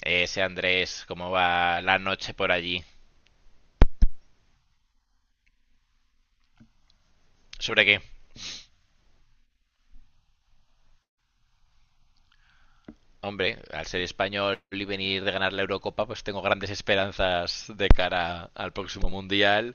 Ese Andrés, ¿cómo va la noche por allí? ¿Sobre qué? Hombre, al ser español y venir de ganar la Eurocopa, pues tengo grandes esperanzas de cara al próximo Mundial.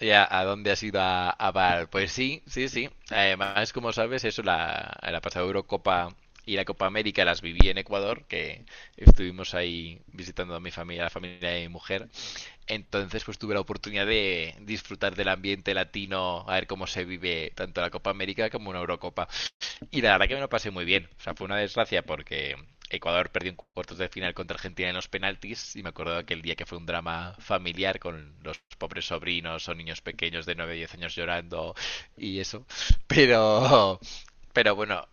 Ya, ¿a dónde has ido a Val? Pues sí, sí, sí. Además, como sabes, eso, la pasada Eurocopa y la Copa América las viví en Ecuador, que estuvimos ahí visitando a mi familia, a la familia de mi mujer. Entonces, pues tuve la oportunidad de disfrutar del ambiente latino, a ver cómo se vive tanto la Copa América como una Eurocopa. Y la verdad que me lo pasé muy bien. O sea, fue una desgracia porque Ecuador perdió en cuartos de final contra Argentina en los penaltis y me acuerdo de aquel día que fue un drama familiar con los pobres sobrinos o niños pequeños de 9 o 10 años llorando y eso. Pero, pero bueno.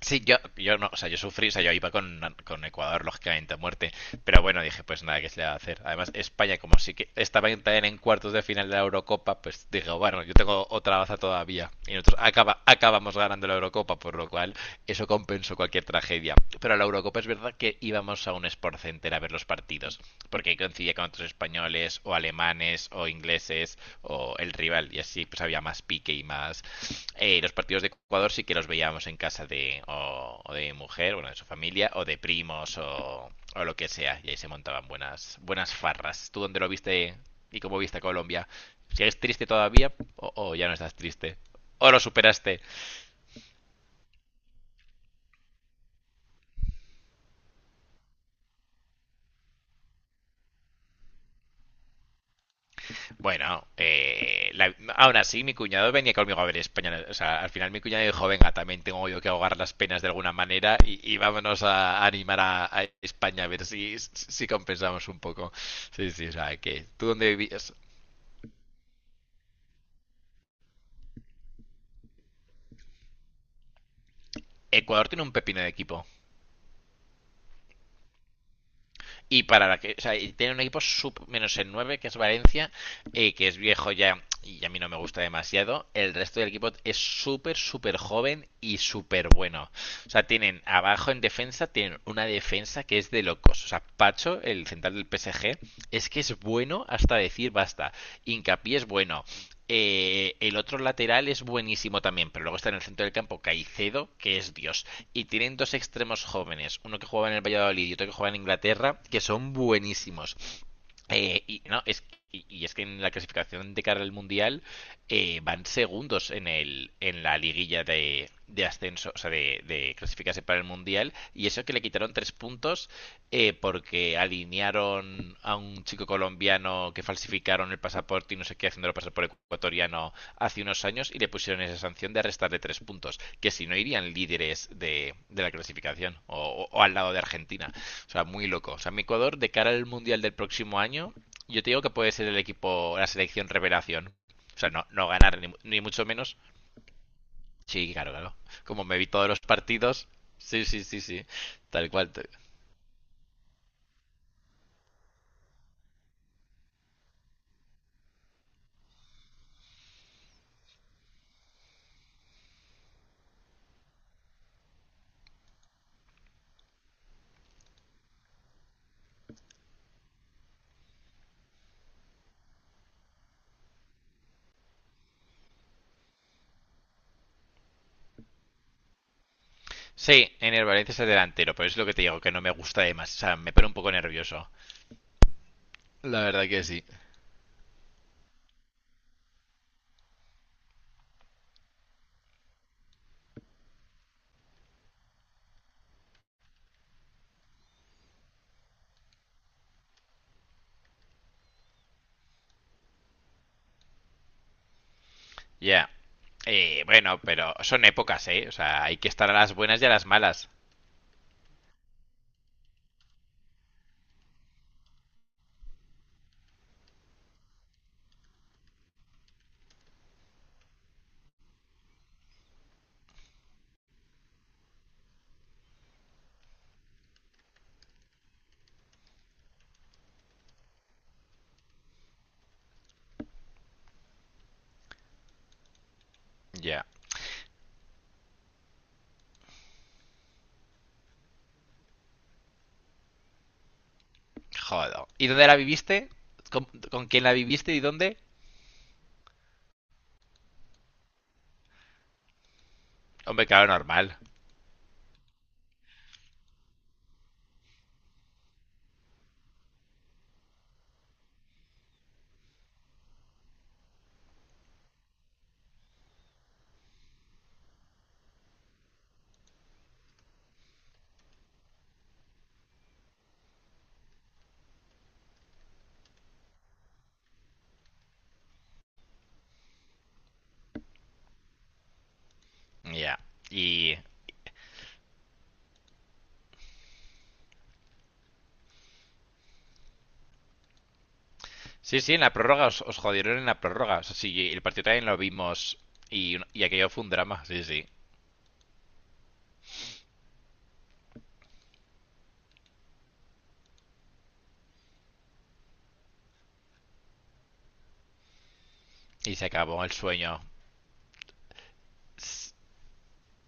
Sí, yo no, o sea, yo sufrí, o sea, yo iba con Ecuador, lógicamente, a muerte. Pero bueno, dije, pues nada, ¿qué se le va a hacer? Además, España, como sí que también en cuartos de final de la Eurocopa, pues dije, bueno, yo tengo otra baza todavía. Y nosotros acabamos ganando la Eurocopa, por lo cual eso compensó cualquier tragedia. Pero a la Eurocopa es verdad que íbamos a un Sport Center a ver los partidos, porque ahí coincidía con otros españoles, o alemanes, o ingleses, o el rival. Y así pues había más pique y más... Los partidos de Ecuador sí que los veíamos en casa de, o de mujer, bueno, de su familia, o de primos, o lo que sea. Y ahí se montaban buenas farras. ¿Tú dónde lo viste y cómo viste a Colombia? ¿Sigues triste todavía o ya no estás triste? ¿O lo superaste? Bueno, aún así mi cuñado venía conmigo a ver España. O sea, al final mi cuñado dijo, venga, también tengo yo que ahogar las penas de alguna manera y vámonos a, animar a España a ver si, si compensamos un poco. Sí, sí, o sea, que tú dónde vivías... Ecuador tiene un pepino de equipo. Y para la que, o sea, y tiene un equipo sub menos el 9 que es Valencia, que es viejo ya y a mí no me gusta demasiado. El resto del equipo es súper, súper joven y súper bueno. O sea, tienen abajo en defensa, tienen una defensa que es de locos. O sea, Pacho, el central del PSG, es que es bueno hasta decir basta. Hincapié es bueno. El otro lateral es buenísimo también, pero luego está en el centro del campo Caicedo, que es Dios. Y tienen dos extremos jóvenes, uno que juega en el Valladolid y otro que juega en Inglaterra, que son buenísimos. Y, no, es, y es que en la clasificación de cara al Mundial van segundos en, el, en la liguilla de ascenso, o sea, de clasificarse para el Mundial. Y eso que le quitaron tres puntos porque alinearon a un chico colombiano que falsificaron el pasaporte y no sé qué, haciéndolo pasar por ecuatoriano hace unos años y le pusieron esa sanción de arrestarle tres puntos, que si no irían líderes de la clasificación o al lado de Argentina. O sea, muy loco. O sea, mi Ecuador, de cara al Mundial del próximo año, yo te digo que puede ser el equipo, la selección revelación. O sea, no, no ganar, ni, ni mucho menos. Sí, claro, claro. Como me vi todos los partidos. Sí, sí, sí, sí. Tal cual. Sí, en el Valencia es el delantero, pero es lo que te digo, que no me gusta además. O sea, me pone un poco nervioso. La verdad que sí. Ya. Bueno, pero son épocas, ¿eh? O sea, hay que estar a las buenas y a las malas. Ya. Jodo. ¿Y dónde la viviste? ¿Con quién la viviste y dónde? Hombre, claro, normal. Ya. Y. Sí, sí, en la prórroga os jodieron en la prórroga. O sea, sí, el partido también lo vimos. Y aquello fue un drama, sí, sí. Y se acabó el sueño.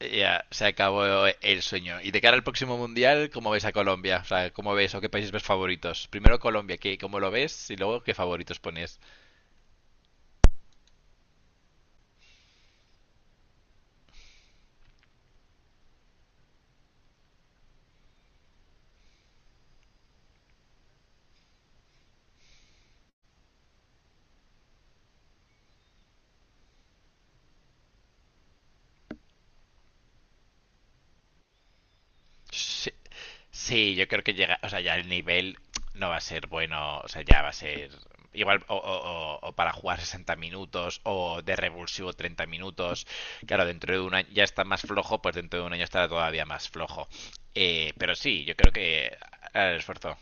Ya, se acabó el sueño. Y de cara al próximo mundial, ¿cómo ves a Colombia? O sea, ¿cómo ves o qué países ves favoritos? Primero Colombia, ¿qué, cómo lo ves? Y luego, ¿qué favoritos pones? Sí, sí, yo creo que llega, o sea, ya el nivel no va a ser bueno, o sea, ya va a ser igual o para jugar 60 minutos o de revulsivo 30 minutos. Claro, dentro de un año ya está más flojo, pues dentro de un año estará todavía más flojo. Pero sí, yo creo que hará el esfuerzo.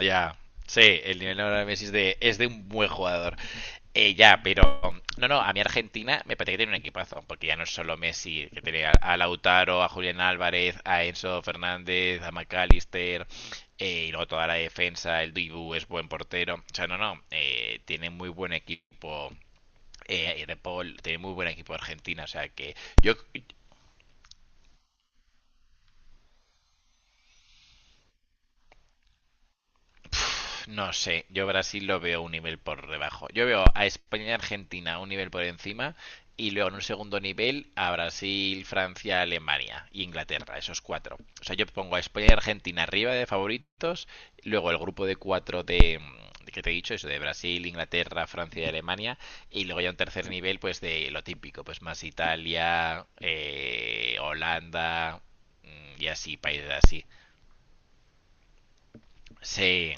Ya, sí, el nivel de Messi es de un buen jugador. Ya, pero no, no, a mí Argentina me parece que tiene un equipazo, porque ya no es solo Messi, que tiene a Lautaro, a Julián Álvarez, a Enzo Fernández, a McAllister, y luego toda la defensa, el Dibu es buen portero. O sea, no, no, tiene muy buen equipo De Paul, tiene muy buen equipo Argentina. O sea que yo, no sé, yo Brasil lo veo un nivel por debajo. Yo veo a España y Argentina un nivel por encima y luego en un segundo nivel a Brasil, Francia, Alemania e Inglaterra, esos cuatro. O sea, yo pongo a España y Argentina arriba de favoritos, luego el grupo de cuatro de que te he dicho, eso de Brasil, Inglaterra, Francia y Alemania, y luego ya un tercer nivel, pues de lo típico, pues más Italia, Holanda, y así, países así. Sí,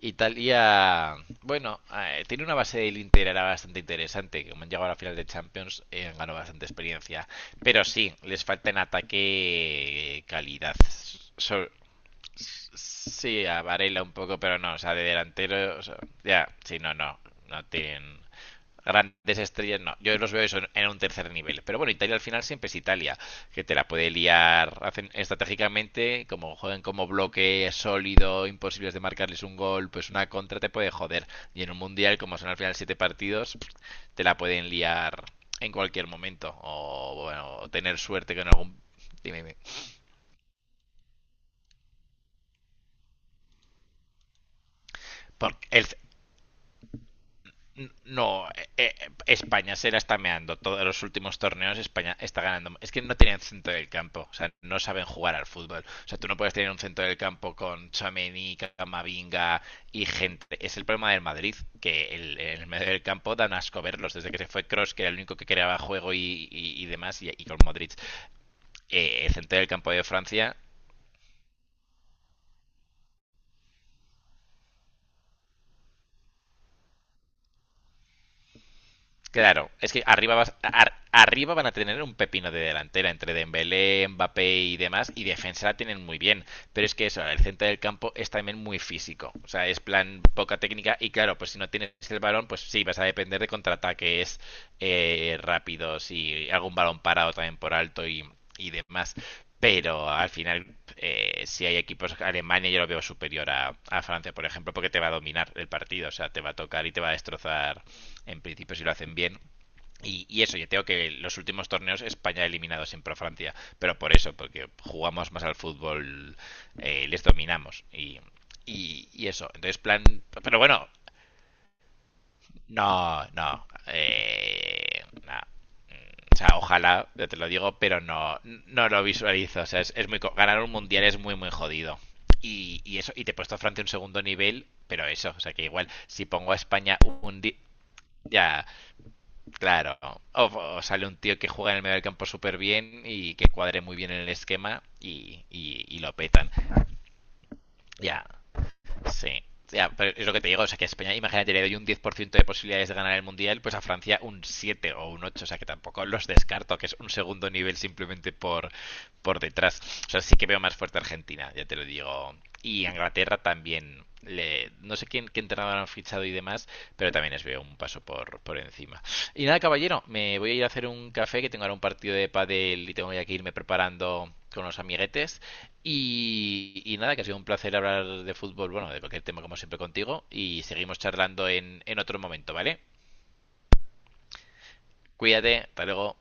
Italia, bueno, tiene una base del Inter era bastante interesante, que como han llegado a la final de Champions, han ganado bastante experiencia. Pero sí, les falta en ataque calidad. So- sí, a Varela un poco, pero no, o sea, de delantero, o sea, ya, sí, no, no, no tienen grandes estrellas, no. Yo los veo eso en, un tercer nivel. Pero bueno, Italia al final siempre es Italia, que te la puede liar hacen estratégicamente, como juegan como bloque sólido, imposibles de marcarles un gol, pues una contra te puede joder. Y en un mundial, como son al final siete partidos, te la pueden liar en cualquier momento. O bueno, tener suerte con algún. Dime, dime. Porque el, no, España se la está meando. Todos los últimos torneos España está ganando. Es que no tenían centro del campo, o sea, no saben jugar al fútbol. O sea, tú no puedes tener un centro del campo con Chamení, Camavinga y gente. Es el problema del Madrid, que el, en el medio del campo dan asco verlos. Desde que se fue Cross, que era el único que creaba juego y demás, y con Modric. El centro del campo de Francia. Claro, es que arriba, arriba van a tener un pepino de delantera entre Dembélé, Mbappé y demás, y defensa la tienen muy bien, pero es que eso, el centro del campo es también muy físico, o sea, es plan poca técnica y claro, pues si no tienes el balón, pues sí, vas a depender de contraataques rápidos y algún balón parado también por alto y demás, pero al final si hay equipos, Alemania yo lo veo superior a Francia, por ejemplo, porque te va a dominar el partido, o sea, te va a tocar y te va a destrozar en principio si lo hacen bien. Y eso, yo tengo que los últimos torneos España ha eliminado siempre a Francia, pero por eso, porque jugamos más al fútbol, les dominamos y, eso. Entonces, plan. Pero bueno, no, no. No. O sea, ojalá, ya te lo digo, pero no, no lo visualizo. O sea, es ganar un mundial es muy, muy jodido. Y eso, y te he puesto a Francia un segundo nivel, pero eso, o sea, que igual, si pongo a España un día, ya, claro, o sale un tío que juega en el medio del campo súper bien y que cuadre muy bien en el esquema y lo petan. Ya, sí. Ya, pero es lo que te digo, o sea, que a España, imagínate, le doy un 10% de posibilidades de ganar el Mundial, pues a Francia un 7 o un 8, o sea, que tampoco los descarto, que es un segundo nivel simplemente por detrás. O sea, sí que veo más fuerte a Argentina, ya te lo digo. Y a Inglaterra también, le, no sé quién, qué entrenador han fichado y demás, pero también les veo un paso por encima. Y nada, caballero, me voy a ir a hacer un café, que tengo ahora un partido de pádel y tengo ya que irme preparando con los amiguetes. Y nada, que ha sido un placer hablar de fútbol, bueno, de cualquier tema como siempre contigo. Y seguimos charlando en otro momento, ¿vale? Cuídate, hasta luego.